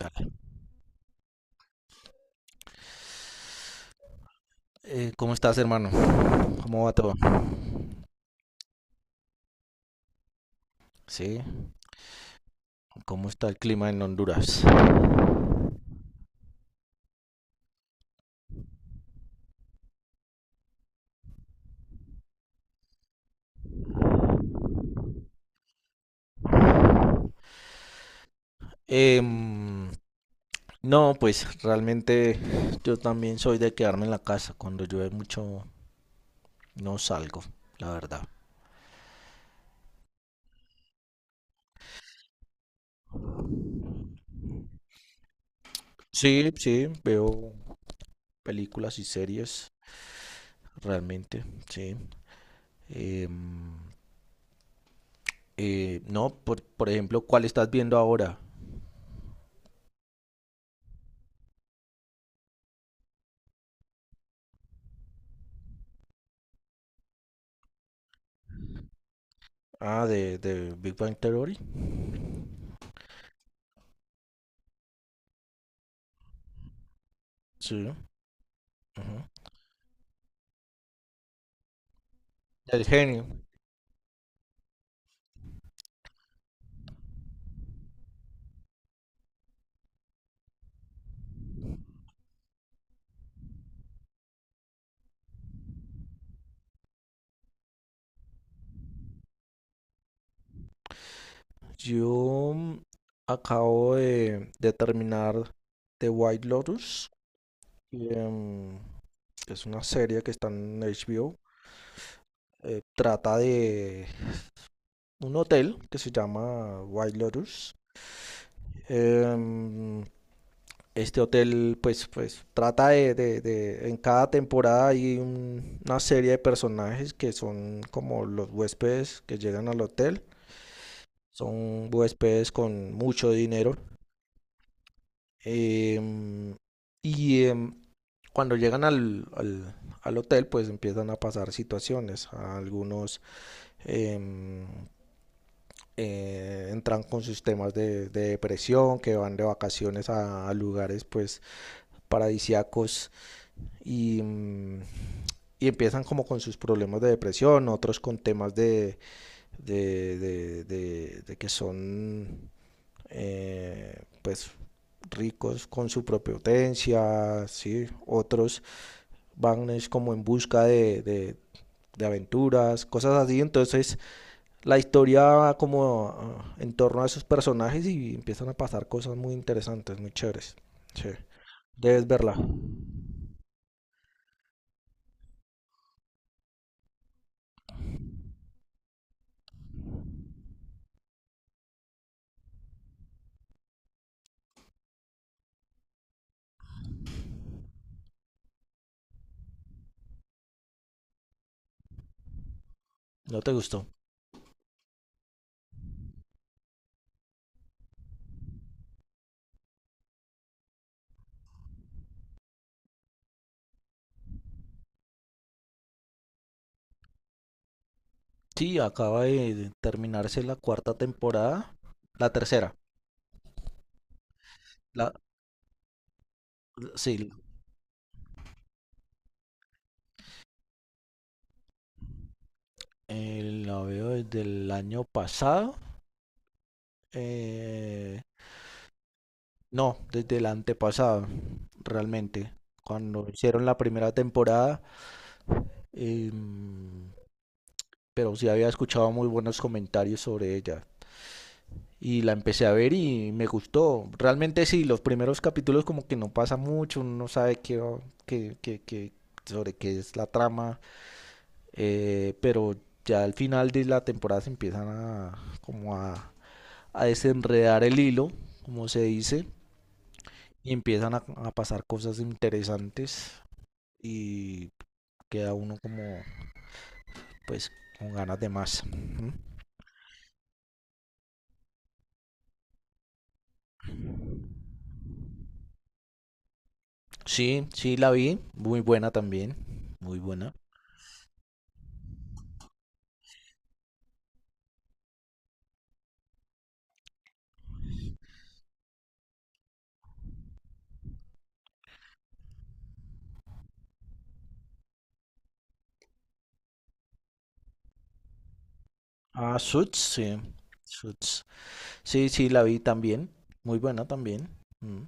Dale. ¿Cómo estás, hermano? ¿Cómo va todo? Sí, ¿cómo está el clima en Honduras? Em, no, pues realmente yo también soy de quedarme en la casa. Cuando llueve mucho no salgo, la verdad. Sí, sí, veo películas y series, realmente, sí. Em, no, por ejemplo, ¿cuál estás viendo ahora? Ah, de Big Bang Theory. Sí. Ujú. Del genio. Yo acabo de terminar The White Lotus, que es una serie que está en HBO. Eh, trata de un hotel que se llama White Lotus. Em, este hotel, pues, pues trata de en cada temporada hay una serie de personajes que son como los huéspedes que llegan al hotel. Son huéspedes con mucho dinero. em, y em, Cuando llegan al hotel, pues empiezan a pasar situaciones. Algunos em, entran con sus temas de depresión, que van de vacaciones a lugares pues paradisíacos y y empiezan como con sus problemas de depresión, otros con temas de que son pues ricos con su propia potencia, ¿sí? Otros van es como en busca de aventuras, cosas así. Entonces la historia va como en torno a esos personajes y empiezan a pasar cosas muy interesantes, muy chéveres. Sí. Debes verla. ¿No te gustó? Sí, acaba de terminarse la cuarta temporada. La tercera. La, sí, la veo desde el año pasado. eh, no, desde el antepasado, realmente. Cuando hicieron la primera temporada, eh, pero sí había escuchado muy buenos comentarios sobre ella. Y la empecé a ver y me gustó. Realmente sí, los primeros capítulos como que no pasa mucho, uno no sabe qué, qué- qué- qué- sobre qué es la trama, pero ya al final de la temporada se empiezan a como a desenredar el hilo, como se dice, y empiezan a pasar cosas interesantes y queda uno como pues con ganas de más. Ujú. Sí, sí, la vi. Muy buena también. Muy buena. Ah, Suits, sí. Suits. Sí, sí, la vi también. Muy buena también. Mm.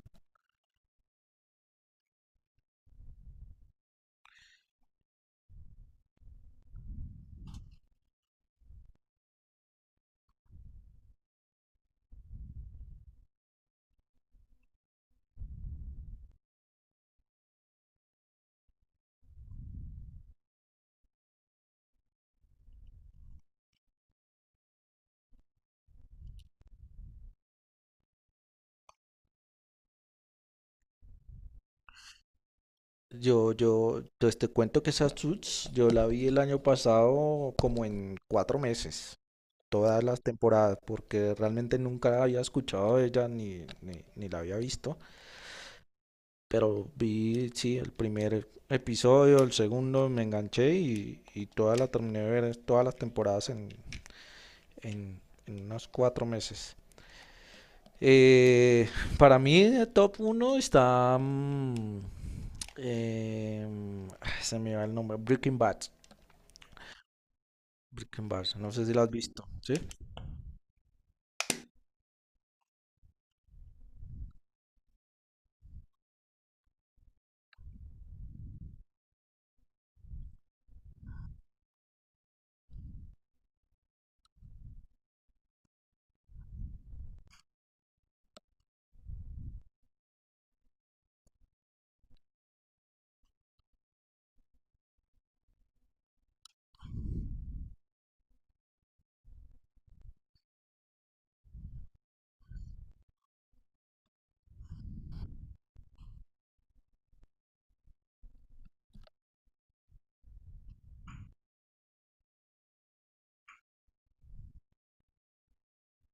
Pues te cuento que esa Suits, yo la vi el año pasado como en cuatro meses. Todas las temporadas, porque realmente nunca había escuchado de ella ni la había visto. Pero vi, sí, el primer episodio, el segundo, me enganché y toda la terminé de ver todas las temporadas en en unos cuatro meses. Eh, para mí, el top uno está. Eh, Se me va el nombre. Breaking Bad. Breaking Bad. No sé si la has visto. ¿Sí?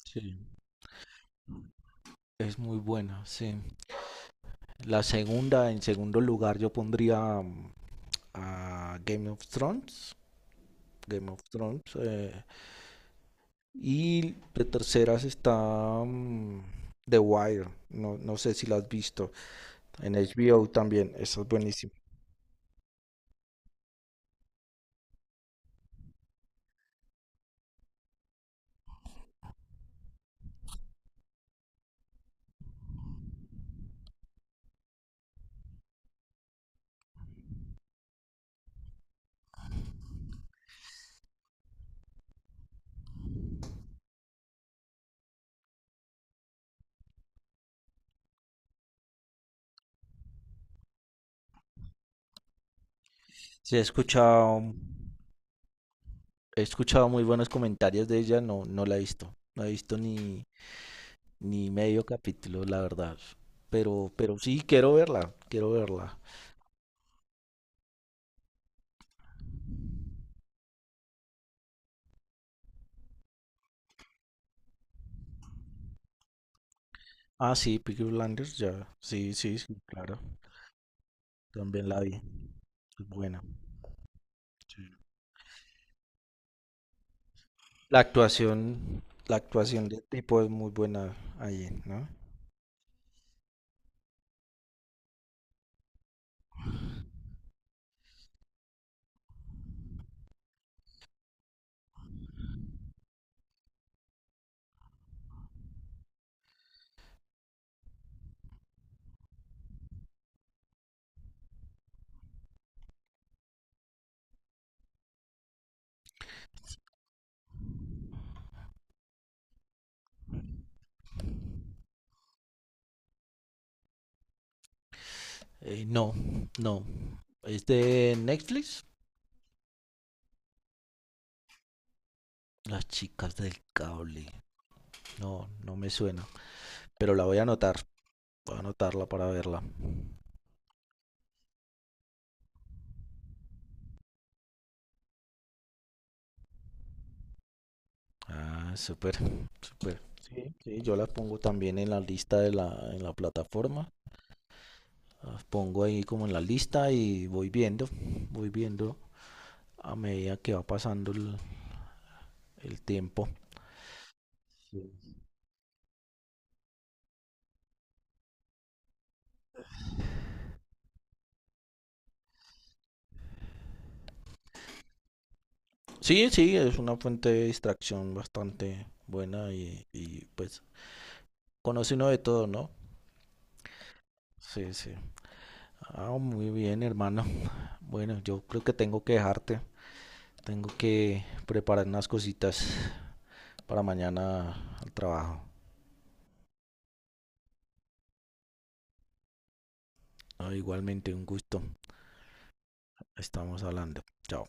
Sí. Es muy buena, sí. La segunda, en segundo lugar, yo pondría a Game of Thrones. Game of Thrones. Y de terceras está The Wire. No, no sé si la has visto. En HBO también. Eso es buenísimo. Sí, he escuchado, He escuchado muy buenos comentarios de ella, no, no la he visto. No he visto ni medio capítulo, la verdad. Pero sí, quiero verla, quiero verla. Ah, sí, Peaky Blinders, ya. Sí, sí, sí, claro. También la vi. Es buena. Sí. La actuación del tipo es muy buena ahí, ¿no? No, no. ¿Es de Netflix? Las chicas del cable. No, no me suena. Pero la voy a anotar. Voy a anotarla para verla. Ah, súper, Súper. Sí, sí, yo la pongo también en la lista en la plataforma. Las pongo ahí como en la lista y voy viendo a medida que va pasando el tiempo. Sí. Sí, sí, es una fuente de distracción bastante buena y pues conoce uno de todo, ¿no? Sí, sí. Ah, muy bien, hermano. Bueno, yo creo que tengo que dejarte. Tengo que preparar unas cositas para mañana al trabajo. Ah, igualmente un gusto. Estamos hablando. Chao.